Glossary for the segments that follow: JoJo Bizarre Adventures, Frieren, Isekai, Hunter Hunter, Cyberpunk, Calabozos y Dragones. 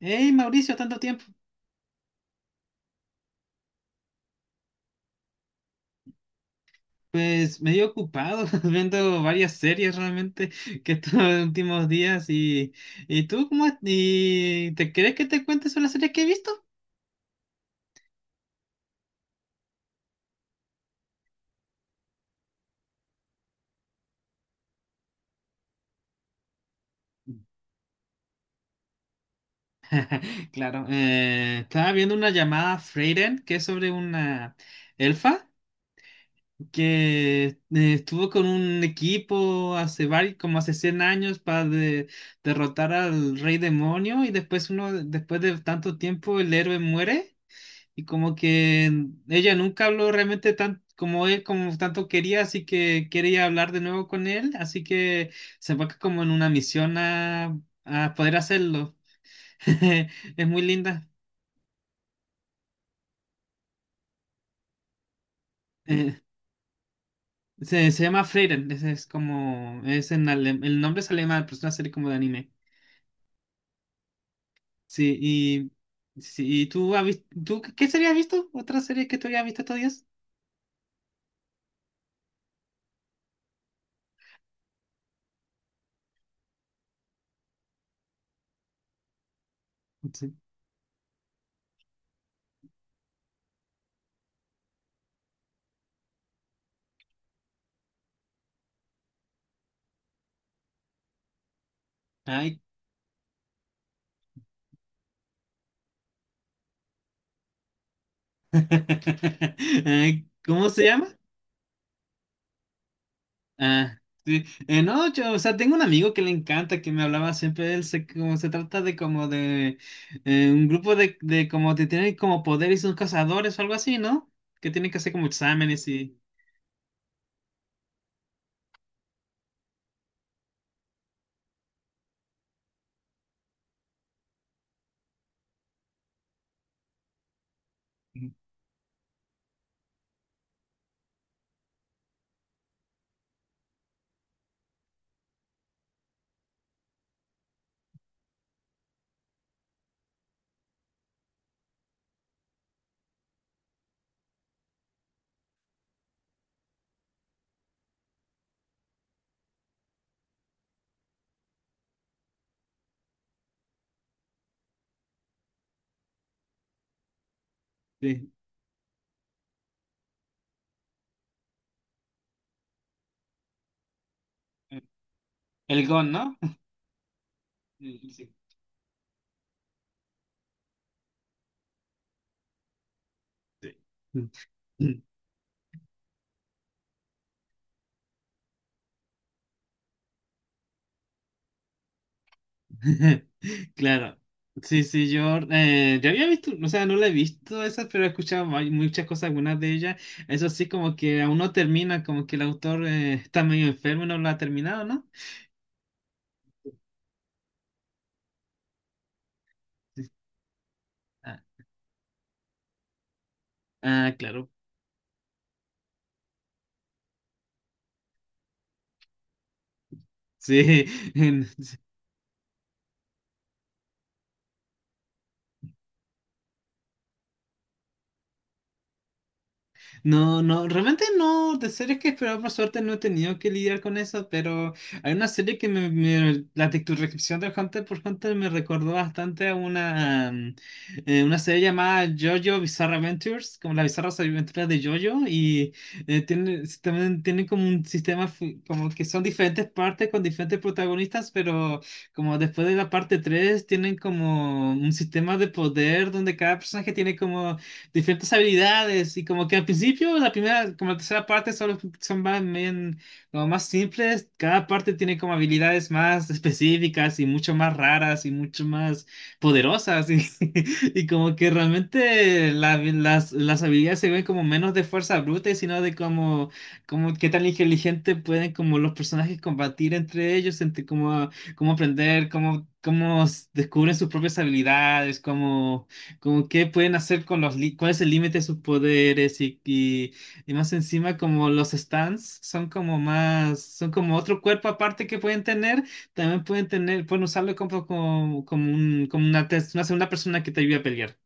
Hey Mauricio, tanto tiempo. Pues medio ocupado viendo varias series realmente, que estos últimos días. Y tú ¿y te crees que te cuentes sobre las series que he visto? Claro, estaba viendo una llamada Freyren, que es sobre una elfa que estuvo con un equipo hace varios, como hace 100 años, para derrotar al rey demonio. Y después uno, después de tanto tiempo el héroe muere, y como que ella nunca habló realmente tan como él, como tanto quería, así que quería hablar de nuevo con él, así que se va como en una misión a poder hacerlo. Es muy linda. Eh, se llama Frieren. Ese es como, es en el nombre es alemán, pero es una serie como de anime. Sí, y, sí, ¿y tú, tú qué serie has visto? ¿Otra serie que tú hayas visto estos días? Sí. Ay. Ay, ¿cómo se llama? Ah, sí. No, yo, o sea, tengo un amigo que le encanta, que me hablaba siempre de él, como se trata de como de un grupo de como que tienen como poder y son cazadores o algo así, ¿no? Que tienen que hacer como exámenes y... Sí. El GON, ¿no? Sí, sí. Sí. Claro. Sí, sí, yo, yo había visto. O sea, no la he visto esas, pero he escuchado muchas cosas, algunas de ellas. Eso sí, como que aún no termina, como que el autor está medio enfermo y no lo ha terminado, ¿no? Sí. Ah, ah, claro. Sí, No, no, realmente no, de series que esperaba, por suerte no he tenido que lidiar con eso. Pero hay una serie que la tu descripción de Hunter por Hunter me recordó bastante a una, una serie llamada JoJo Bizarre Adventures, como las bizarras aventuras de JoJo. Y tiene, también tiene como un sistema como que son diferentes partes con diferentes protagonistas, pero como después de la parte 3 tienen como un sistema de poder donde cada personaje tiene como diferentes habilidades. Y como que al principio, la primera, como la tercera parte solo son más, bien, como más simples. Cada parte tiene como habilidades más específicas y mucho más raras y mucho más poderosas. Y como que realmente las habilidades se ven como menos de fuerza bruta, y sino de como, como qué tan inteligente pueden como los personajes combatir entre ellos, entre como cómo aprender, descubren sus propias habilidades, cómo como qué pueden hacer con los cuál es el límite de sus poderes. Y más encima como los stands son como más, son como otro cuerpo aparte que pueden tener, también pueden tener, pueden usarlo como un, como una, una segunda persona que te ayude a pelear.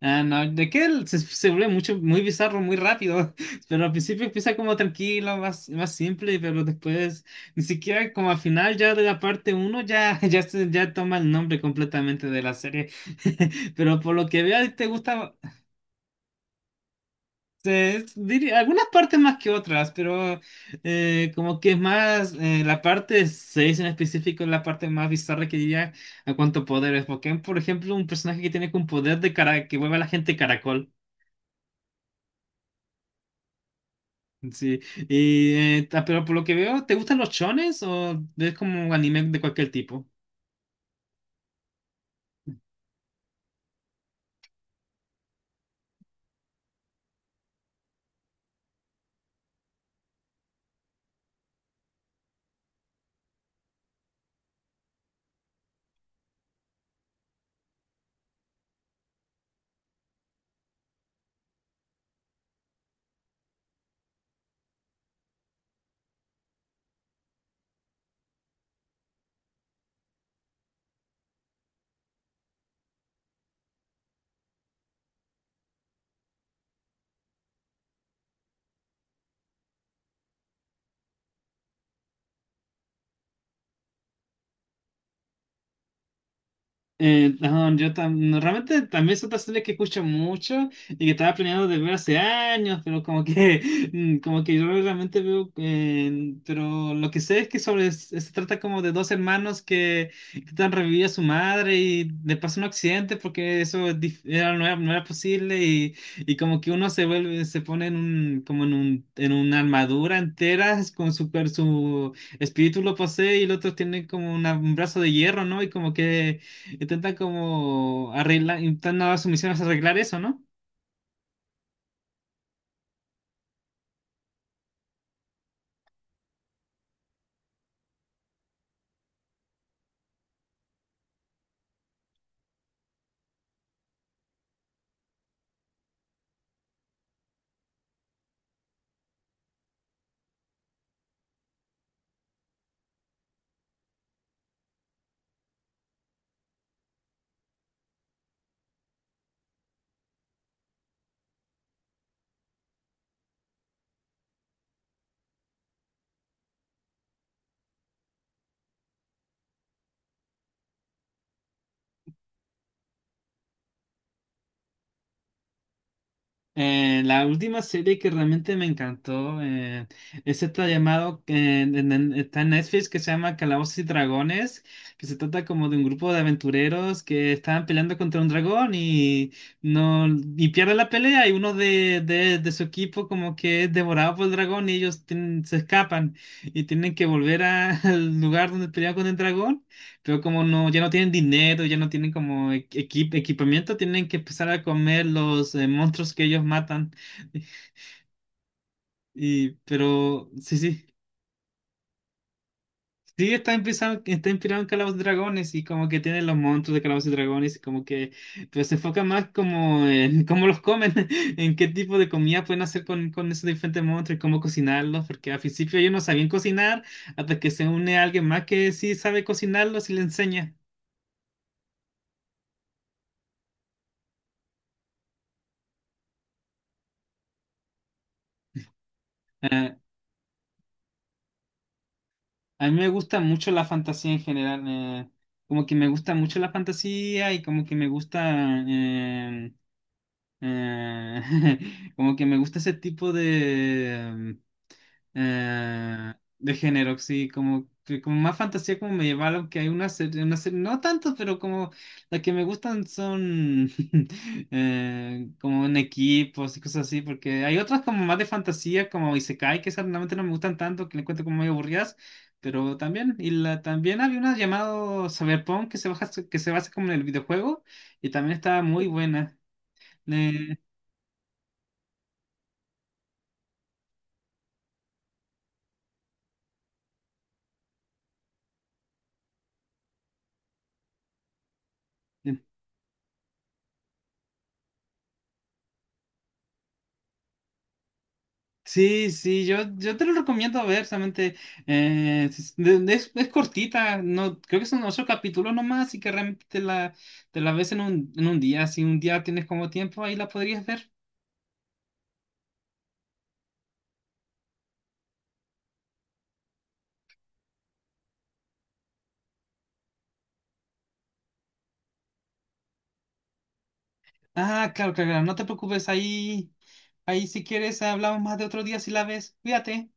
Ah, no, de que él se vuelve mucho, muy bizarro, muy rápido. Pero al principio empieza como tranquilo, más simple, pero después, ni siquiera como al final ya de la parte uno ya, ya, ya toma el nombre completamente de la serie. Pero por lo que veo te gusta, algunas partes más que otras. Pero como que es más, la parte 6 en específico es la parte más bizarra, que diría a cuanto poderes, porque por ejemplo un personaje que tiene un poder de cara que vuelve a la gente caracol. Sí, y, pero por lo que veo, ¿te gustan los chones o ves como anime de cualquier tipo? No, yo no, realmente también es otra serie que escucho mucho y que estaba planeando de ver hace años, pero como que, como que yo realmente veo. Pero lo que sé es que sobre, se trata como de dos hermanos que están reviviendo a su madre y le pasa un accidente porque eso es era, no era posible. Y como que uno se vuelve, se pone en un, como en un, en una armadura entera con su, su espíritu lo posee, y el otro tiene como un brazo de hierro, ¿no? Y como que intenta como arreglar, intentando su misión es arreglar eso, ¿no? La última serie que realmente me encantó es esta llamado que está en Netflix, que se llama Calabozos y Dragones. Que se trata como de un grupo de aventureros que estaban peleando contra un dragón, y no, y pierde la pelea. Y uno de su equipo como que es devorado por el dragón, y ellos tienen, se escapan y tienen que volver al lugar donde pelearon con el dragón. Pero como no, ya no tienen dinero, ya no tienen como equipamiento, tienen que empezar a comer los monstruos que ellos matan. Y, pero sí, sí. Sí, está inspirado en Calabozos y Dragones, y como que tienen los monstruos de Calabozos y Dragones. Y como que, pero se enfoca más como en cómo los comen, en qué tipo de comida pueden hacer con esos diferentes monstruos y cómo cocinarlos, porque al principio ellos no sabían cocinar hasta que se une a alguien más que sí sabe cocinarlos y le enseña. Ah, a mí me gusta mucho la fantasía en general. Como que me gusta mucho la fantasía y como que me gusta, eh, como que me gusta ese tipo eh, de género, sí. Como, como más fantasía, como medieval. Aunque hay una serie, no tanto, pero como las que me gustan son como en equipos y cosas así. Porque hay otras como más de fantasía, como Isekai, que esas realmente no me gustan tanto, que le encuentro como muy aburridas. Pero también, y la, también había una llamado Cyberpunk que se baja, que se basa como en el videojuego, y también estaba muy buena. Eh, Sí, sí, yo te lo recomiendo ver. Solamente es, es cortita, no, creo que son ocho capítulos nomás, así que realmente te la ves en un día. Si un día tienes como tiempo, ahí la podrías ver. Ah, claro, claro, claro, no te preocupes. Ahí, ahí si quieres hablamos más de otro día si la ves. Cuídate.